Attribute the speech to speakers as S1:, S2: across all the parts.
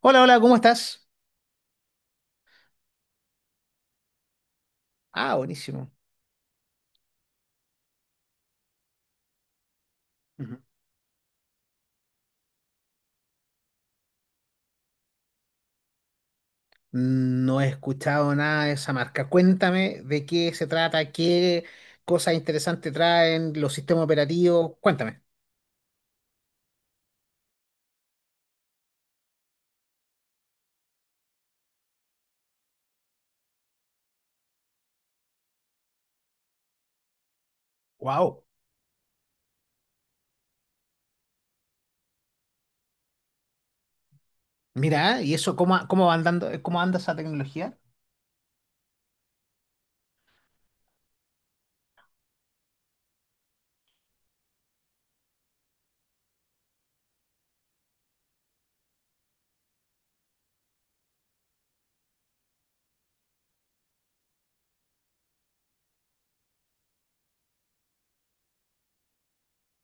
S1: Hola, hola, ¿cómo estás? Ah, buenísimo. Ujú. No he escuchado nada de esa marca. Cuéntame de qué se trata, qué cosas interesantes traen los sistemas operativos. Cuéntame. Wow. Mira, ¿y eso cómo, cómo va andando, cómo anda esa tecnología?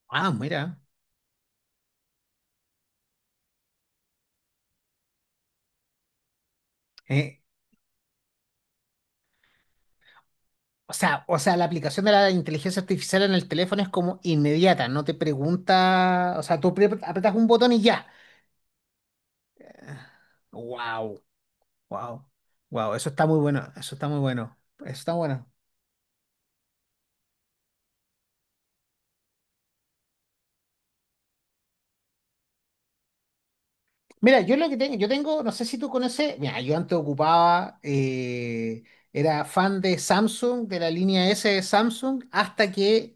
S1: Ah, mira. Eh, o sea, la aplicación de la inteligencia artificial en el teléfono es como inmediata, no te pregunta, o sea, apretas un botón y ya. Wow, wow, wow, eso está muy bueno, eso está muy bueno, eso está bueno. Mira, yo lo que tengo, yo tengo, no sé si tú conoces. Mira, yo antes ocupaba, era fan de Samsung, de la línea S de Samsung, hasta que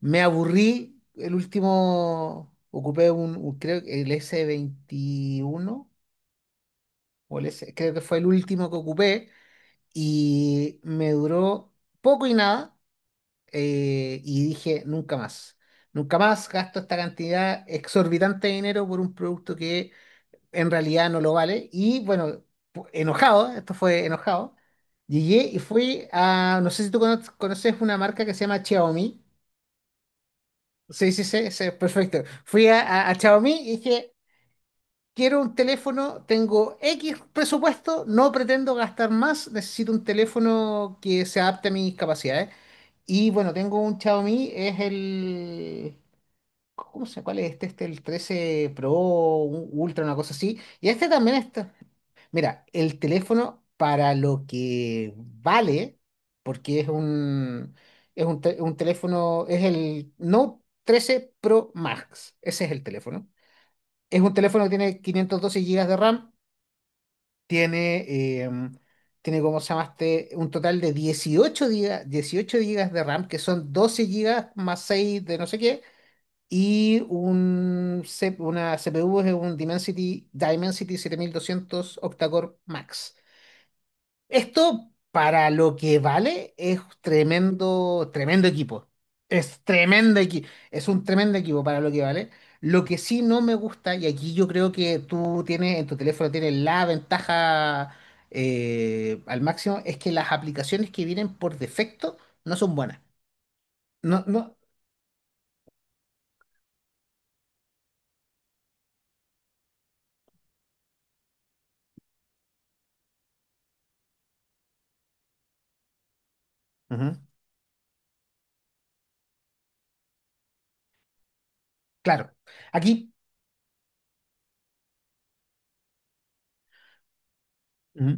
S1: me aburrí. El último, ocupé un, creo que el s veintiuno o el S, creo que fue el último que ocupé, y me duró poco y nada, y dije, nunca más. Nunca más gasto esta cantidad exorbitante de dinero por un producto que en realidad no lo vale. Y bueno, enojado, esto fue enojado, llegué y fui a, no sé si conoces una marca que se llama Xiaomi. Sí, sí, sí, sí, perfecto. Fui a Xiaomi y dije, quiero un teléfono, tengo X presupuesto, no pretendo gastar más, necesito un teléfono que se adapte a mis capacidades. Y bueno, tengo un Xiaomi, es el... ¿Cómo se cuál es este? Este, el 13 Pro, un Ultra, una cosa así. Y este también está. Mira, el teléfono para lo que vale, porque un teléfono, es el Note 13 Pro Max, ese es el teléfono. Es un teléfono que tiene 512 GB de RAM, tiene, tiene cómo se llamaste, un total de 18 GB, 18 GB de RAM, que son 12 GB más 6 de no sé qué, una CPU es un Dimensity 7200 octa-core Max. Esto, para lo que vale, es tremendo, tremendo equipo. Es tremendo equipo. Es un tremendo equipo para lo que vale. Lo que sí no me gusta, y aquí yo creo que tú tienes, en tu teléfono tienes la ventaja al máximo, es que las aplicaciones que vienen por defecto no son buenas. No, no. Ujú. Claro. Aquí. Ujú.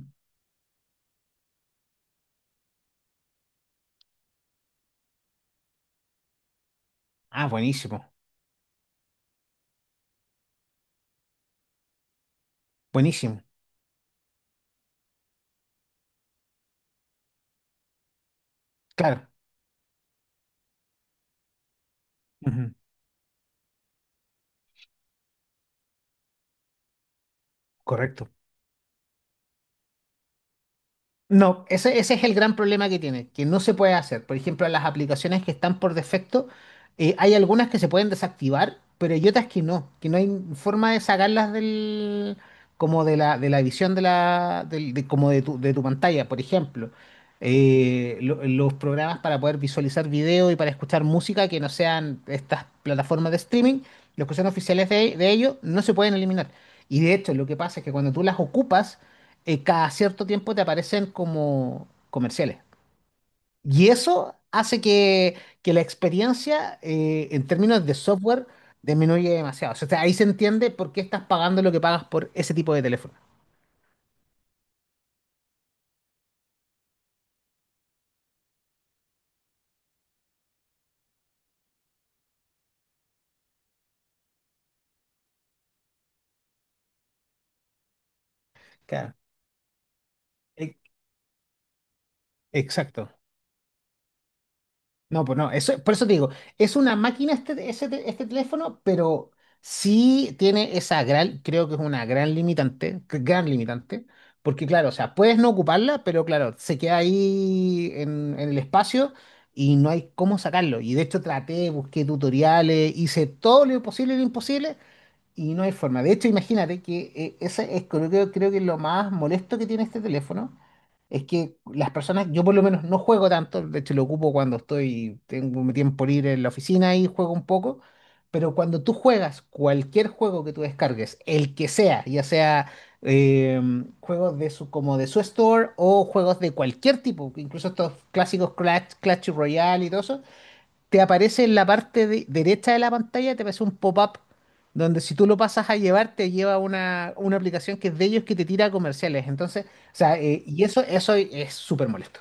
S1: Ah, buenísimo. Buenísimo. Claro. Ujú. Correcto. No, ese es el gran problema que tiene, que no se puede hacer. Por ejemplo, las aplicaciones que están por defecto, hay algunas que se pueden desactivar, pero hay otras que no hay forma de sacarlas como de la visión de la, del- de, como de tu pantalla. Por ejemplo, los programas para poder visualizar video y para escuchar música que no sean estas plataformas de streaming, los que son oficiales de ellos, no se pueden eliminar. Y de hecho, lo que pasa es que cuando tú las ocupas, cada cierto tiempo te aparecen como comerciales. Y eso hace que la experiencia en términos de software disminuye demasiado. O sea, ahí se entiende por qué estás pagando lo que pagas por ese tipo de teléfono. Claro. E- Exacto. No, pues no, eso, por eso te digo, es una máquina este teléfono, pero sí tiene esa gran, creo que es una gran limitante, gran limitante, porque claro, o sea, puedes no ocuparla, pero claro, se queda ahí en el espacio y no hay cómo sacarlo. Y de hecho traté, busqué tutoriales, hice todo lo posible y lo imposible, y no hay forma. De hecho, imagínate que ese es, creo que lo más molesto que tiene este teléfono es que las personas, yo por lo menos no juego tanto, de hecho lo ocupo cuando estoy, tengo mi tiempo libre en la oficina y juego un poco, pero cuando tú juegas cualquier juego que tú descargues, el que sea, ya sea eh, juegos como de su store o juegos de cualquier tipo, incluso estos clásicos Clash Royale y todo eso, te aparece en la parte derecha de la pantalla, te aparece un pop-up donde si tú lo pasas a llevar, te lleva una aplicación que es de ellos que te tira comerciales. Entonces, o sea, y eso es súper molesto.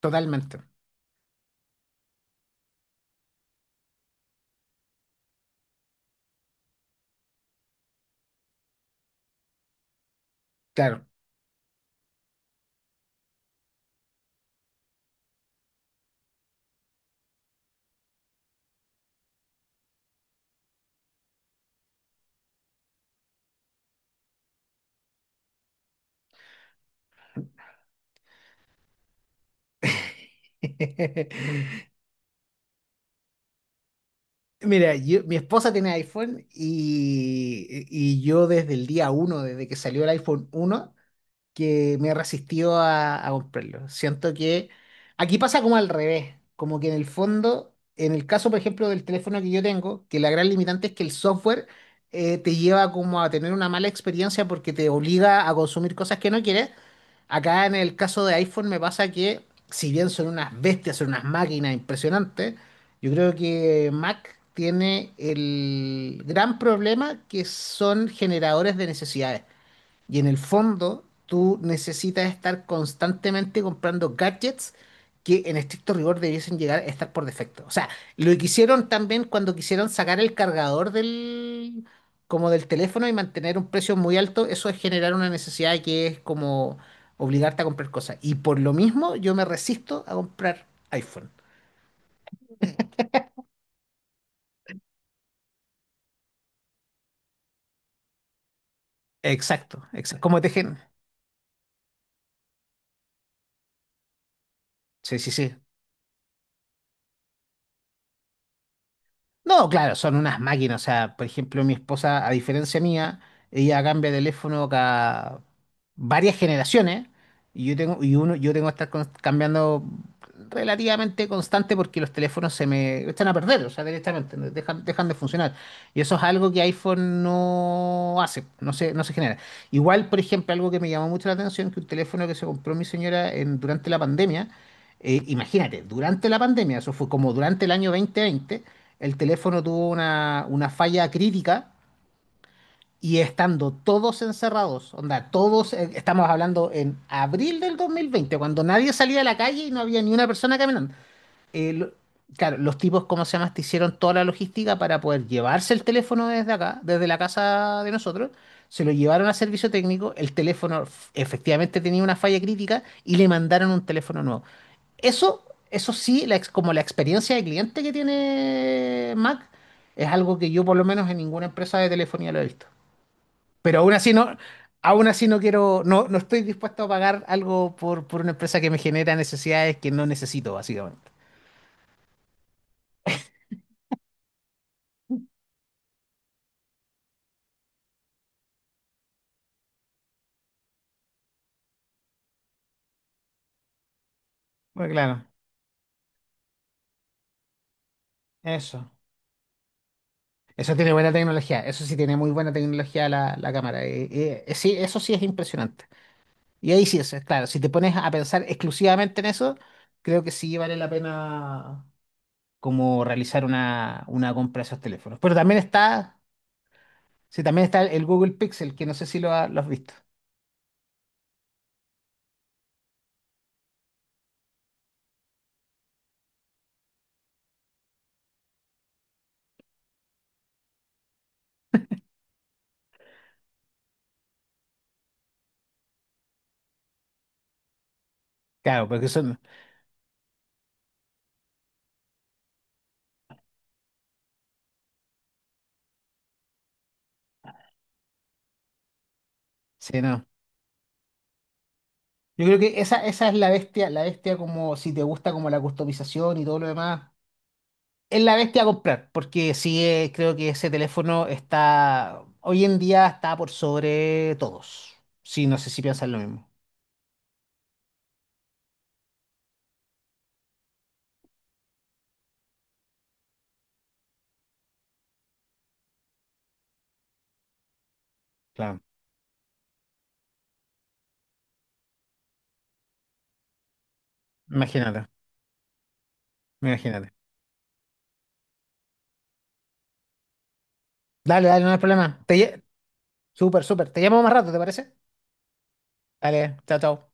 S1: Totalmente. Claro. Mira, mi esposa tiene iPhone y yo desde el día uno, desde que salió el iPhone uno que me he resistido a comprarlo. Siento que aquí pasa como al revés, como que en el fondo, en el caso, por ejemplo, del teléfono que yo tengo, que la gran limitante es que el software te lleva como a tener una mala experiencia porque te obliga a consumir cosas que no quieres. Acá en el caso de iPhone me pasa que, si bien son unas bestias, son unas máquinas impresionantes, yo creo que Mac tiene el gran problema que son generadores de necesidades. Y en el fondo, tú necesitas estar constantemente comprando gadgets que en estricto rigor debiesen llegar a estar por defecto. O sea, lo que hicieron también cuando quisieron sacar el cargador del, como del teléfono y mantener un precio muy alto, eso es generar una necesidad que es como obligarte a comprar cosas. Y por lo mismo, yo me resisto a comprar iPhone. Exacto, exacto. Como te gen. Sí, sí, sí. No, claro, son unas máquinas. O sea, por ejemplo, mi esposa, a diferencia mía, ella cambia de teléfono cada varias generaciones. Y yo tengo, y uno, yo tengo que estar cambiando relativamente constante porque los teléfonos se me echan a perder, o sea, directamente, dejan, dejan de funcionar. Y eso es algo que iPhone no hace, no se genera. Igual, por ejemplo, algo que me llamó mucho la atención, que un teléfono que se compró mi señora durante la pandemia, imagínate, durante la pandemia, eso fue como durante el año 2020. El teléfono tuvo una falla crítica y estando todos encerrados, onda, todos, estamos hablando en abril del 2020, cuando nadie salía a la calle y no había ni una persona caminando. Eh, lo- claro, los tipos, ¿cómo se llama? Te hicieron toda la logística para poder llevarse el teléfono desde acá, desde la casa de nosotros. Se lo llevaron a servicio técnico, el teléfono efectivamente tenía una falla crítica y le mandaron un teléfono nuevo. Eso, eso sí, como la experiencia de cliente que tiene Mac es algo que yo por lo menos en ninguna empresa de telefonía lo he visto. Pero aún así no quiero, no, no estoy dispuesto a pagar algo por una empresa que me genera necesidades que no necesito, básicamente. Bueno, claro, eso. Eso tiene buena tecnología, eso sí tiene muy buena tecnología la, la cámara. Sí, eso sí es impresionante. Y ahí sí, es claro, si te pones a pensar exclusivamente en eso, creo que sí vale la pena como realizar una compra de esos teléfonos. Pero también está, sí, también está el Google Pixel, que no sé si lo has visto. Claro, porque son, sí, no. Yo creo que esa es la bestia como si te gusta como la customización y todo lo demás, es la bestia a comprar, porque sí, creo que ese teléfono está, hoy en día está por sobre todos. Sí, no sé si piensan lo mismo. Claro, imagínate, imagínate. Dale, dale, no hay problema. Súper, súper. Te llamo más rato, ¿te parece? Dale, chao, chao.